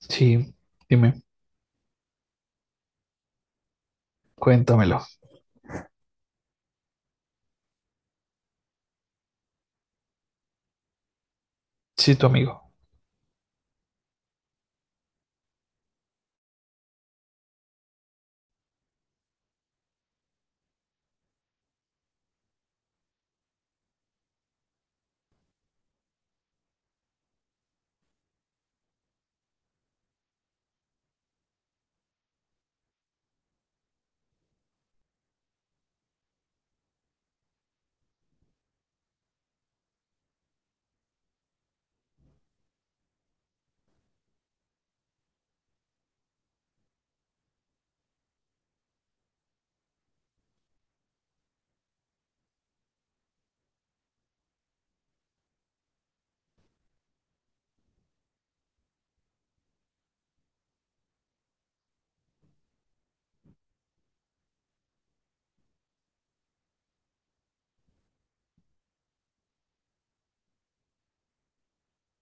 Sí, dime, cuéntamelo. Sí, tu amigo.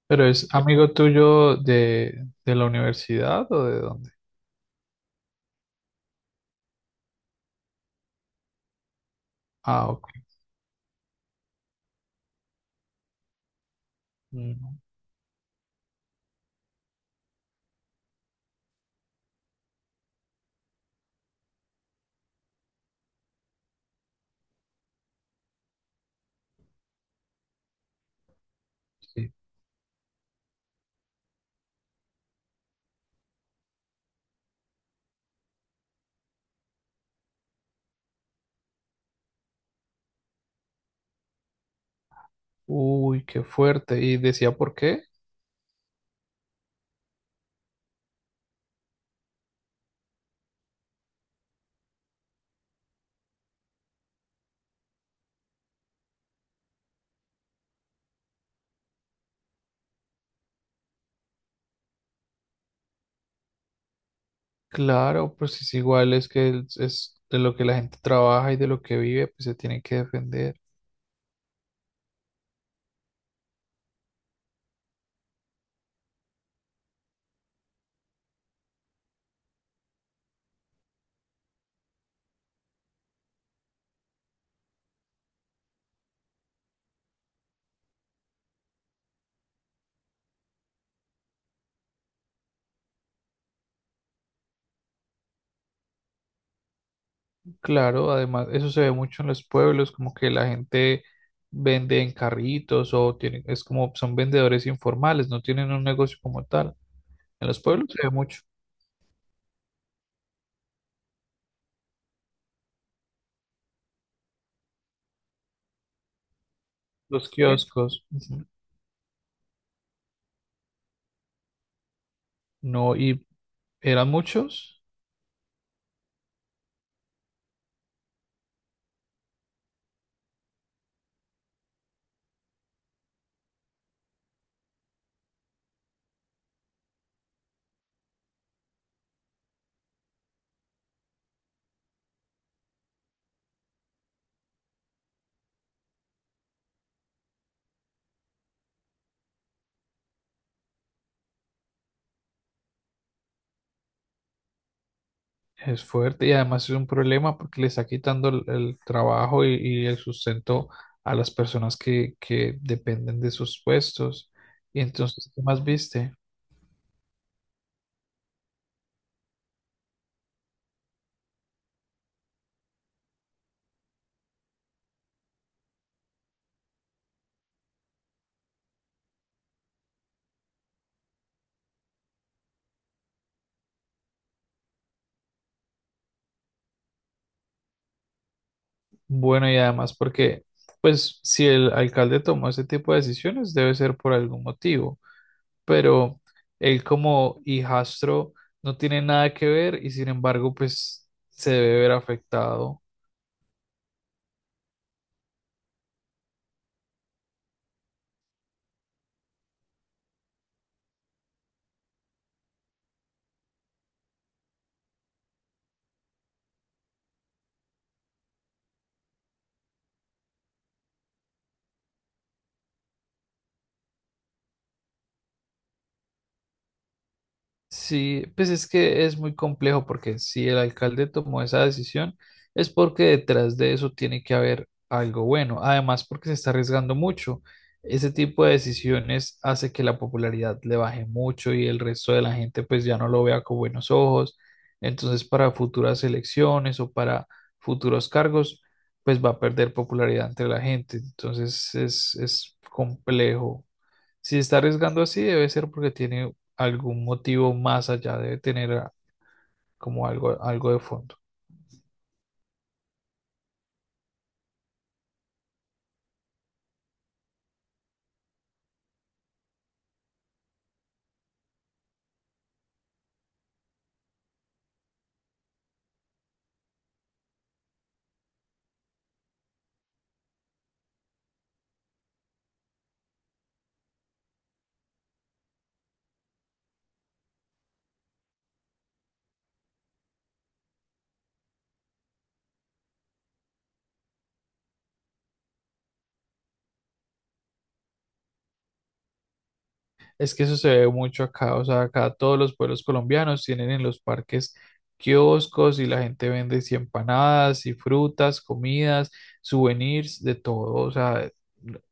Pero ¿es amigo tuyo de la universidad o de dónde? Ah, ok. Mm, sí. Uy, qué fuerte. ¿Y decía por qué? Claro, pues es igual, es que es de lo que la gente trabaja y de lo que vive, pues se tiene que defender. Claro, además, eso se ve mucho en los pueblos, como que la gente vende en carritos o tiene, es como son vendedores informales, no tienen un negocio como tal. En los pueblos se ve mucho, los kioscos, ujú, no, y eran muchos, es fuerte y además es un problema porque le está quitando el trabajo y el sustento a las personas que dependen de sus puestos. Y entonces, ¿qué más viste? Bueno, y además porque, pues, si el alcalde tomó ese tipo de decisiones, debe ser por algún motivo, pero él como hijastro no tiene nada que ver y sin embargo, pues, se debe ver afectado. Sí, pues es que es muy complejo porque si el alcalde tomó esa decisión es porque detrás de eso tiene que haber algo bueno. Además, porque se está arriesgando mucho. Ese tipo de decisiones hace que la popularidad le baje mucho y el resto de la gente pues ya no lo vea con buenos ojos. Entonces, para futuras elecciones o para futuros cargos, pues va a perder popularidad entre la gente. Entonces, es complejo. Si está arriesgando así, debe ser porque tiene algún motivo más allá, debe tener como algo, algo de fondo. Es que eso se ve mucho acá, o sea, acá todos los pueblos colombianos tienen en los parques kioscos y la gente vende sí, empanadas y frutas, comidas, souvenirs, de todo. O sea,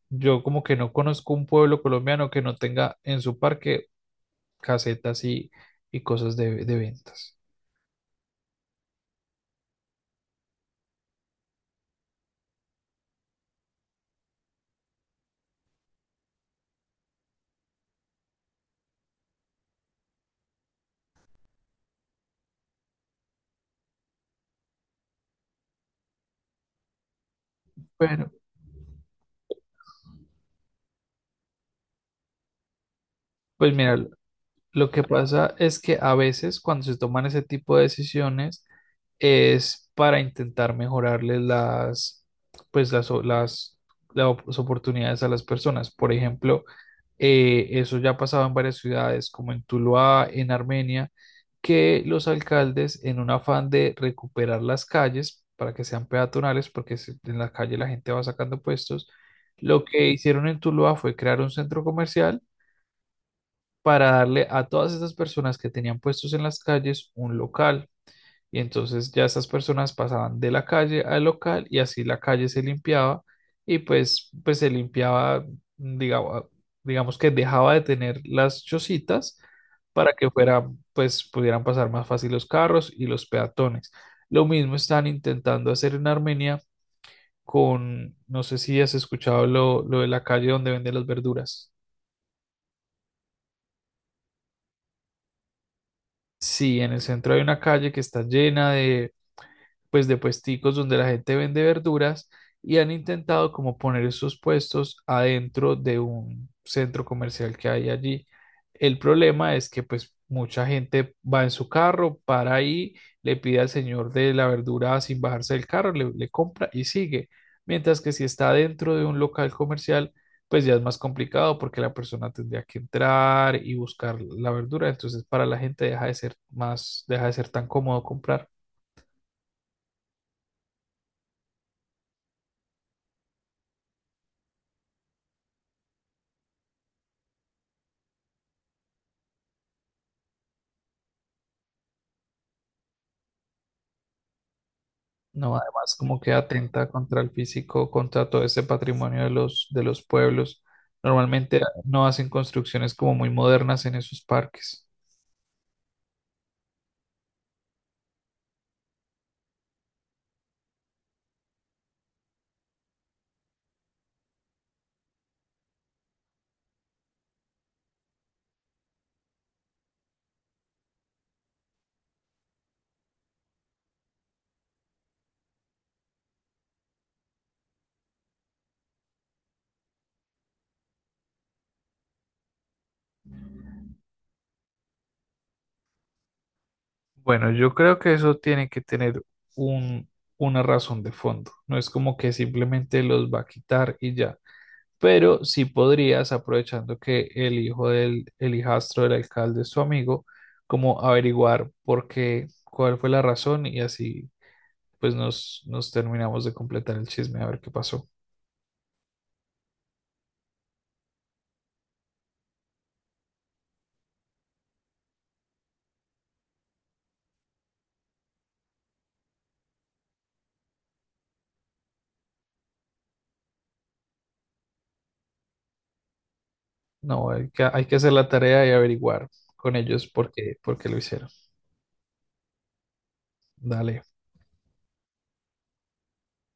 yo como que no conozco un pueblo colombiano que no tenga en su parque casetas y cosas de ventas. Bueno, pues mira, lo que pasa es que a veces cuando se toman ese tipo de decisiones es para intentar mejorarles las, pues las, las, las oportunidades a las personas. Por ejemplo, eso ya ha pasado en varias ciudades, como en Tuluá, en Armenia, que los alcaldes, en un afán de recuperar las calles para que sean peatonales, porque en la calle la gente va sacando puestos, lo que hicieron en Tuluá fue crear un centro comercial para darle a todas esas personas que tenían puestos en las calles un local. Y entonces ya esas personas pasaban de la calle al local y así la calle se limpiaba y pues, pues se limpiaba, digamos, digamos que dejaba de tener las chocitas para que fuera, pues pudieran pasar más fácil los carros y los peatones. Lo mismo están intentando hacer en Armenia con, no sé si has escuchado lo de la calle donde venden las verduras. Sí, en el centro hay una calle que está llena de pues de puesticos donde la gente vende verduras y han intentado como poner esos puestos adentro de un centro comercial que hay allí. El problema es que pues mucha gente va en su carro, para ahí, le pide al señor de la verdura sin bajarse del carro, le compra y sigue. Mientras que si está dentro de un local comercial, pues ya es más complicado porque la persona tendría que entrar y buscar la verdura. Entonces para la gente deja de ser más, deja de ser tan cómodo comprar. No, además como que atenta contra el físico, contra todo ese patrimonio de los pueblos. Normalmente no hacen construcciones como muy modernas en esos parques. Bueno, yo creo que eso tiene que tener un, una razón de fondo. No es como que simplemente los va a quitar y ya. Pero sí podrías, aprovechando que el hijo del, el hijastro del alcalde es tu amigo, como averiguar por qué, cuál fue la razón y así pues nos, nos terminamos de completar el chisme a ver qué pasó. No, hay que hacer la tarea y averiguar con ellos por qué lo hicieron. Dale.